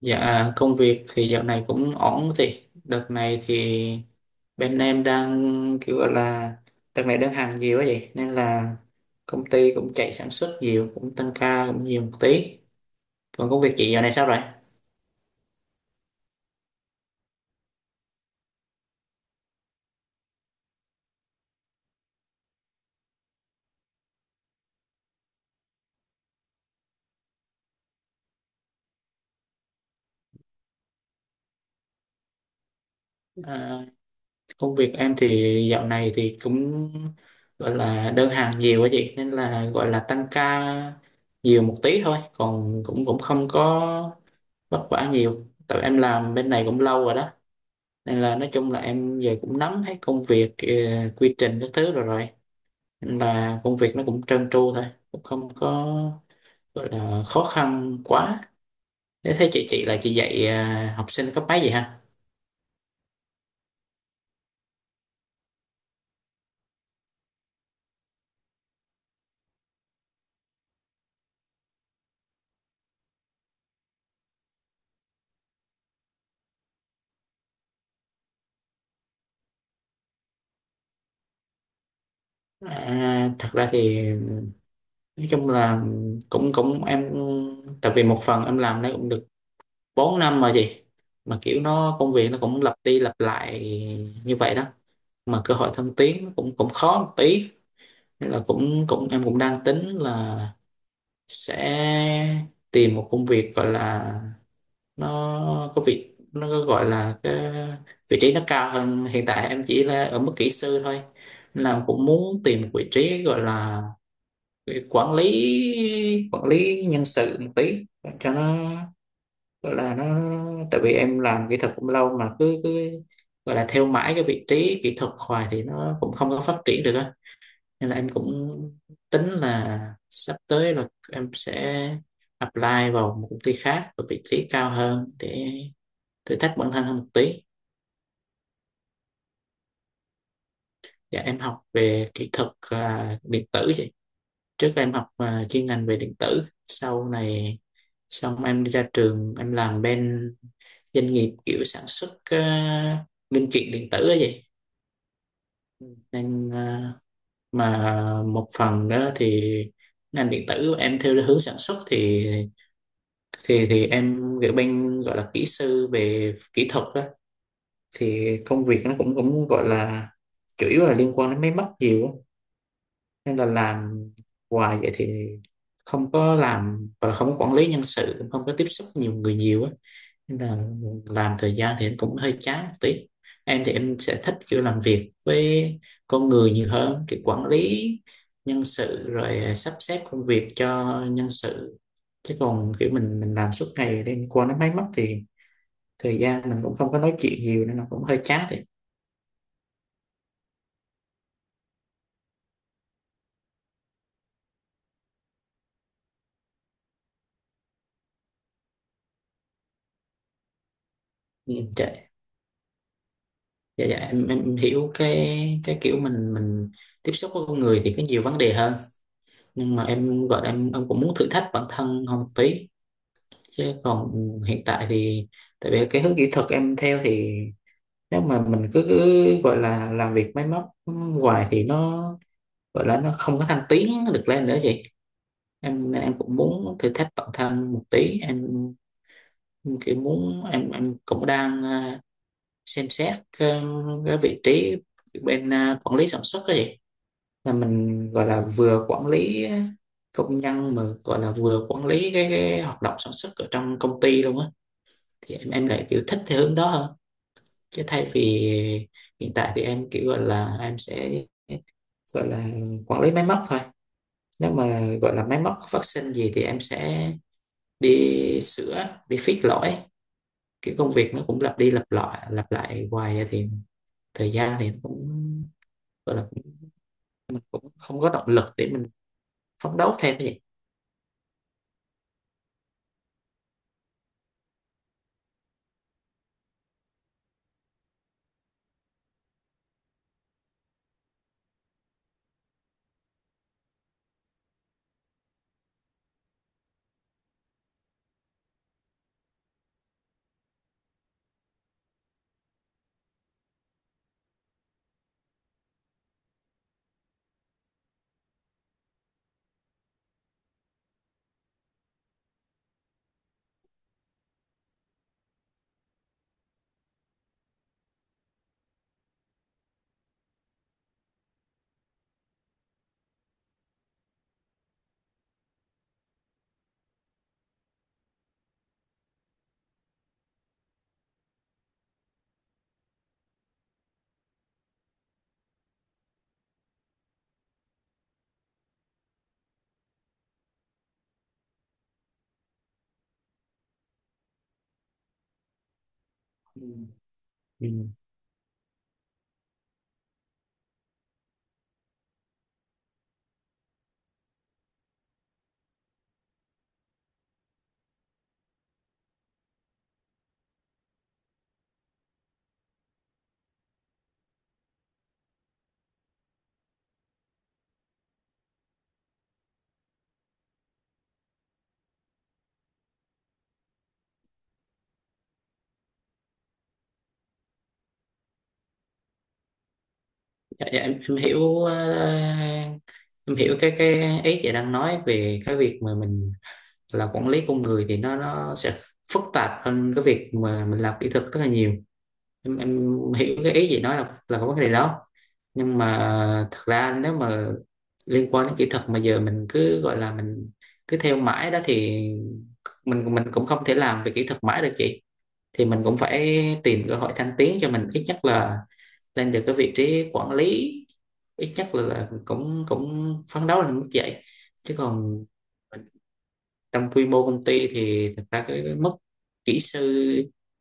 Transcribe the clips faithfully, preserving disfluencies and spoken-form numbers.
Dạ, công việc thì dạo này cũng ổn. Thì đợt này thì bên em đang kiểu gọi là đợt này đơn hàng nhiều quá vậy, nên là công ty cũng chạy sản xuất nhiều, cũng tăng ca cũng nhiều một tí. Còn công việc chị dạo này sao rồi? à, Công việc em thì dạo này thì cũng gọi là đơn hàng nhiều quá chị, nên là gọi là tăng ca nhiều một tí thôi. Còn cũng cũng không có vất vả nhiều, tại em làm bên này cũng lâu rồi đó, nên là nói chung là em về cũng nắm hết công việc, ờ, quy trình các thứ rồi rồi, nên là công việc nó cũng trơn tru thôi, cũng không có gọi là khó khăn quá. Thế thấy chị chị là chị dạy ờ, học sinh cấp mấy vậy ha? À, thật ra thì nói chung là cũng cũng em, tại vì một phần em làm nó cũng được bốn năm rồi chị. Mà kiểu nó công việc nó cũng lặp đi lặp lại như vậy đó, mà cơ hội thăng tiến nó cũng cũng khó một tí, nên là cũng cũng em cũng đang tính là sẽ tìm một công việc gọi là nó có việc nó có gọi là cái vị trí nó cao hơn. Hiện tại em chỉ là ở mức kỹ sư thôi. Nên là cũng muốn tìm một vị trí gọi là quản lý quản lý nhân sự một tí cho nó gọi là nó, tại vì em làm kỹ thuật cũng lâu mà cứ cứ gọi là theo mãi cái vị trí kỹ thuật hoài thì nó cũng không có phát triển được á. Nên là em cũng tính là sắp tới là em sẽ apply vào một công ty khác ở vị trí cao hơn để thử thách bản thân hơn một tí. Dạ em học về kỹ thuật à, điện tử vậy. Trước em học à, chuyên ngành về điện tử. Sau này xong em đi ra trường em làm bên doanh nghiệp kiểu sản xuất à, linh kiện điện tử ấy vậy nên à, mà một phần đó thì ngành điện tử em theo hướng sản xuất thì thì thì em kiểu bên gọi là kỹ sư về kỹ thuật á. Thì công việc nó cũng cũng gọi là chủ yếu là liên quan đến máy móc nhiều á, nên là làm hoài vậy thì không có làm và không có quản lý nhân sự, không có tiếp xúc nhiều người nhiều á. Nên là làm thời gian thì em cũng hơi chán một tí. Em thì em sẽ thích kiểu làm việc với con người nhiều hơn, kiểu quản lý nhân sự rồi sắp xếp công việc cho nhân sự. Chứ còn kiểu mình mình làm suốt ngày đêm qua nó máy móc thì thời gian mình cũng không có nói chuyện nhiều nên nó cũng hơi chán thì. Ừ, dạ, dạ, dạ. Em, em hiểu cái cái kiểu mình mình tiếp xúc với con người thì có nhiều vấn đề hơn. Nhưng mà em gọi là em em cũng muốn thử thách bản thân hơn một tí. Chứ còn hiện tại thì, tại vì cái hướng kỹ thuật em theo thì nếu mà mình cứ, cứ gọi là làm việc máy móc hoài thì nó gọi là nó không có thăng tiến được lên nữa chị. Em nên em cũng muốn thử thách bản thân một tí. Em kiểu muốn, em em cũng đang à, xem xét cái, cái vị trí bên à, quản lý sản xuất đó chị. Là mình gọi là vừa quản lý công nhân mà gọi là vừa quản lý cái, cái hoạt động sản xuất ở trong công ty luôn á. Thì em em lại kiểu thích theo hướng đó hơn chứ thay vì hiện tại thì em kiểu gọi là em sẽ gọi là quản lý máy móc thôi. Nếu mà gọi là máy móc phát sinh gì thì em sẽ đi sửa, đi fix lỗi. Kiểu công việc nó cũng lặp đi lặp lại lặp lại hoài thì thời gian thì nó cũng gọi là cũng cũng không có động lực để mình phấn đấu thêm cái gì. Ừ. Ừ. Dạ, dạ. Em, em hiểu ờ, em hiểu cái cái ý chị đang nói về cái việc mà mình là quản lý con người thì nó nó sẽ phức tạp hơn cái việc mà mình làm kỹ thuật rất là nhiều. Em, em hiểu cái ý gì nói là là có vấn đề đó. Nhưng mà thật ra nếu mà liên quan đến kỹ thuật mà giờ mình cứ gọi là mình cứ theo mãi đó thì mình mình cũng không thể làm về kỹ thuật mãi được chị. Thì mình cũng phải tìm cơ hội thăng tiến cho mình, ít nhất là lên được cái vị trí quản lý, ít nhất là, là cũng cũng phấn đấu lên mức vậy, chứ còn trong quy mô công ty thì thật ra cái, mức kỹ sư,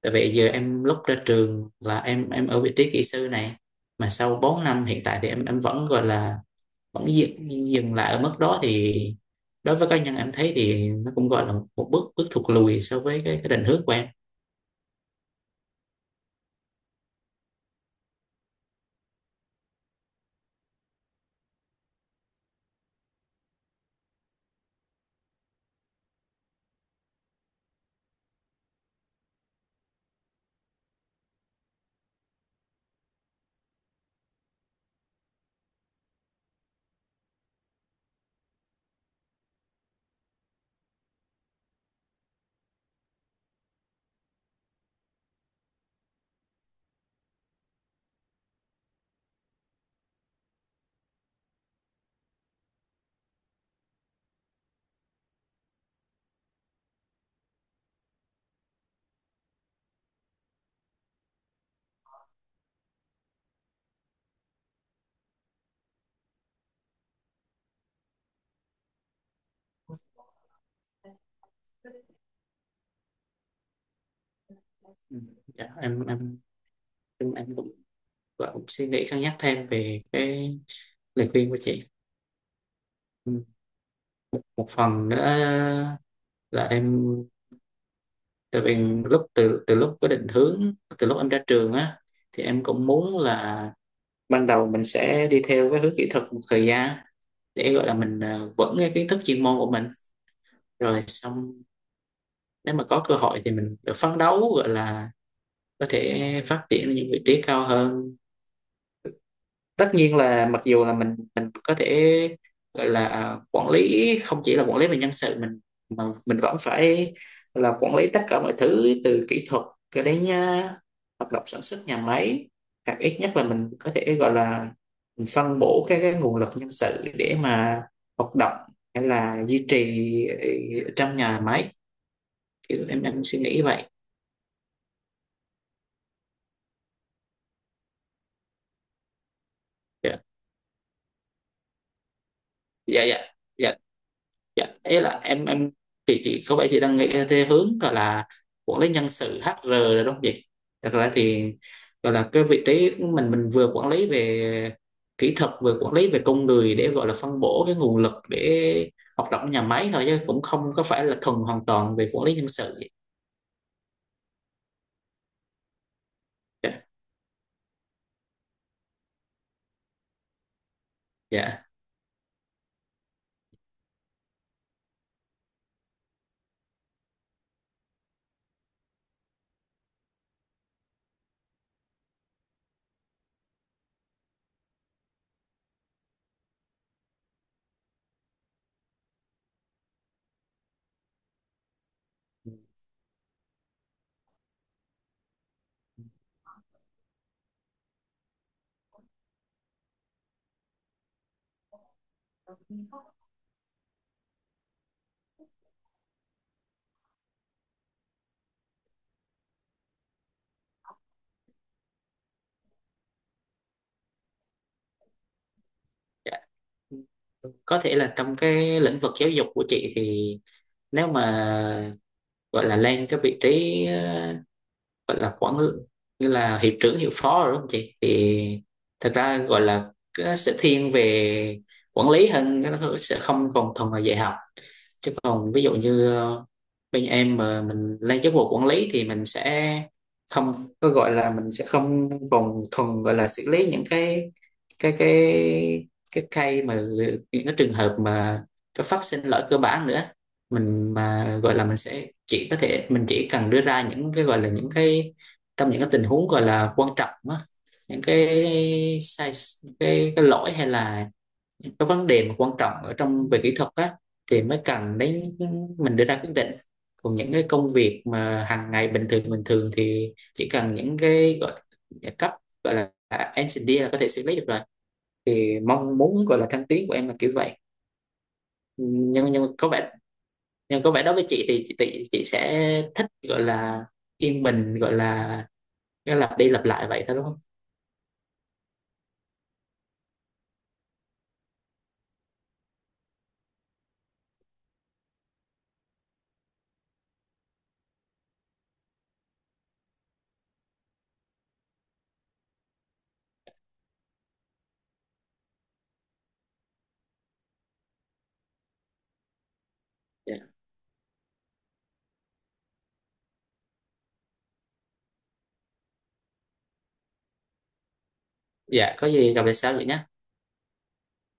tại vì giờ em lúc ra trường là em em ở vị trí kỹ sư này. Mà sau bốn năm hiện tại thì em em vẫn gọi là vẫn dừng, dừng lại ở mức đó thì đối với cá nhân em thấy thì nó cũng gọi là một bước bước thụt lùi so với cái, cái định hướng của em. Ừ. Dạ, em em em em cũng, gọi cũng suy nghĩ cân nhắc thêm về cái lời khuyên của chị. Ừ. một, một phần nữa là em, tại vì lúc từ từ lúc có định hướng từ lúc em ra trường á, thì em cũng muốn là ban đầu mình sẽ đi theo cái hướng kỹ thuật một thời gian để gọi là mình ờ, vững cái kiến thức chuyên môn của mình. Rồi xong nếu mà có cơ hội thì mình phấn đấu gọi là có thể phát triển ở những vị trí cao hơn. Tất nhiên là mặc dù là mình mình có thể gọi là à, quản lý không chỉ là quản lý về nhân sự mình, mà mình vẫn phải là quản lý tất cả mọi thứ từ kỹ thuật cho đến à, hoạt động sản xuất nhà máy, hoặc ít nhất là mình có thể gọi là mình phân bổ cái, cái nguồn lực nhân sự để mà hoạt động hay là duy trì ừ, trong nhà máy. Kiểu em em suy nghĩ vậy. Dạ, dạ, dạ. Dạ. Dạ, ý là em em chị chị có vẻ chị đang nghĩ theo hướng gọi là quản lý nhân sự hát rờ rồi đúng không chị? Thật ra thì gọi là cái vị trí của mình mình vừa quản lý về kỹ thuật, vừa quản lý về con người để gọi là phân bổ cái nguồn lực để hoạt động nhà máy thôi chứ cũng không có phải là thuần hoàn toàn về quản lý nhân sự. Dạ, dạ. Dạ. Có thể là trong cái lĩnh vực giáo dục của chị thì nếu mà gọi là lên cái vị trí ờ, gọi là quản như là hiệu trưởng hiệu phó rồi đúng không chị thì thật ra gọi là cái sẽ thiên về quản lý hơn, cái nó sẽ không còn thuần là dạy học. Chứ còn ví dụ như ờ, bên em mà mình lên chức vụ quản lý thì mình sẽ không có gọi là mình sẽ không còn thuần gọi là xử lý những cái cái cái cái cây mà những cái trường hợp mà có phát sinh lỗi cơ bản nữa. Mình mà gọi là mình sẽ chỉ có thể mình chỉ cần đưa ra những cái gọi là những cái trong những cái tình huống gọi là quan trọng á, những cái sai, cái cái lỗi hay là những cái vấn đề mà quan trọng ở trong về kỹ thuật á thì mới cần đến mình đưa ra quyết định. Còn những cái công việc mà hàng ngày bình thường bình thường thì chỉ cần những cái gọi là cấp gọi là engineer là có thể xử lý được rồi. Thì mong muốn gọi là thăng tiến của em là kiểu vậy. Nhưng nhưng mà có vẻ nhưng có vẻ đối với chị thì chị chị, chị sẽ thích gọi là yên bình, gọi là nó lặp đi lặp lại vậy thôi đúng không? Dạ. Dạ, có gì gặp lại sau vậy nhé.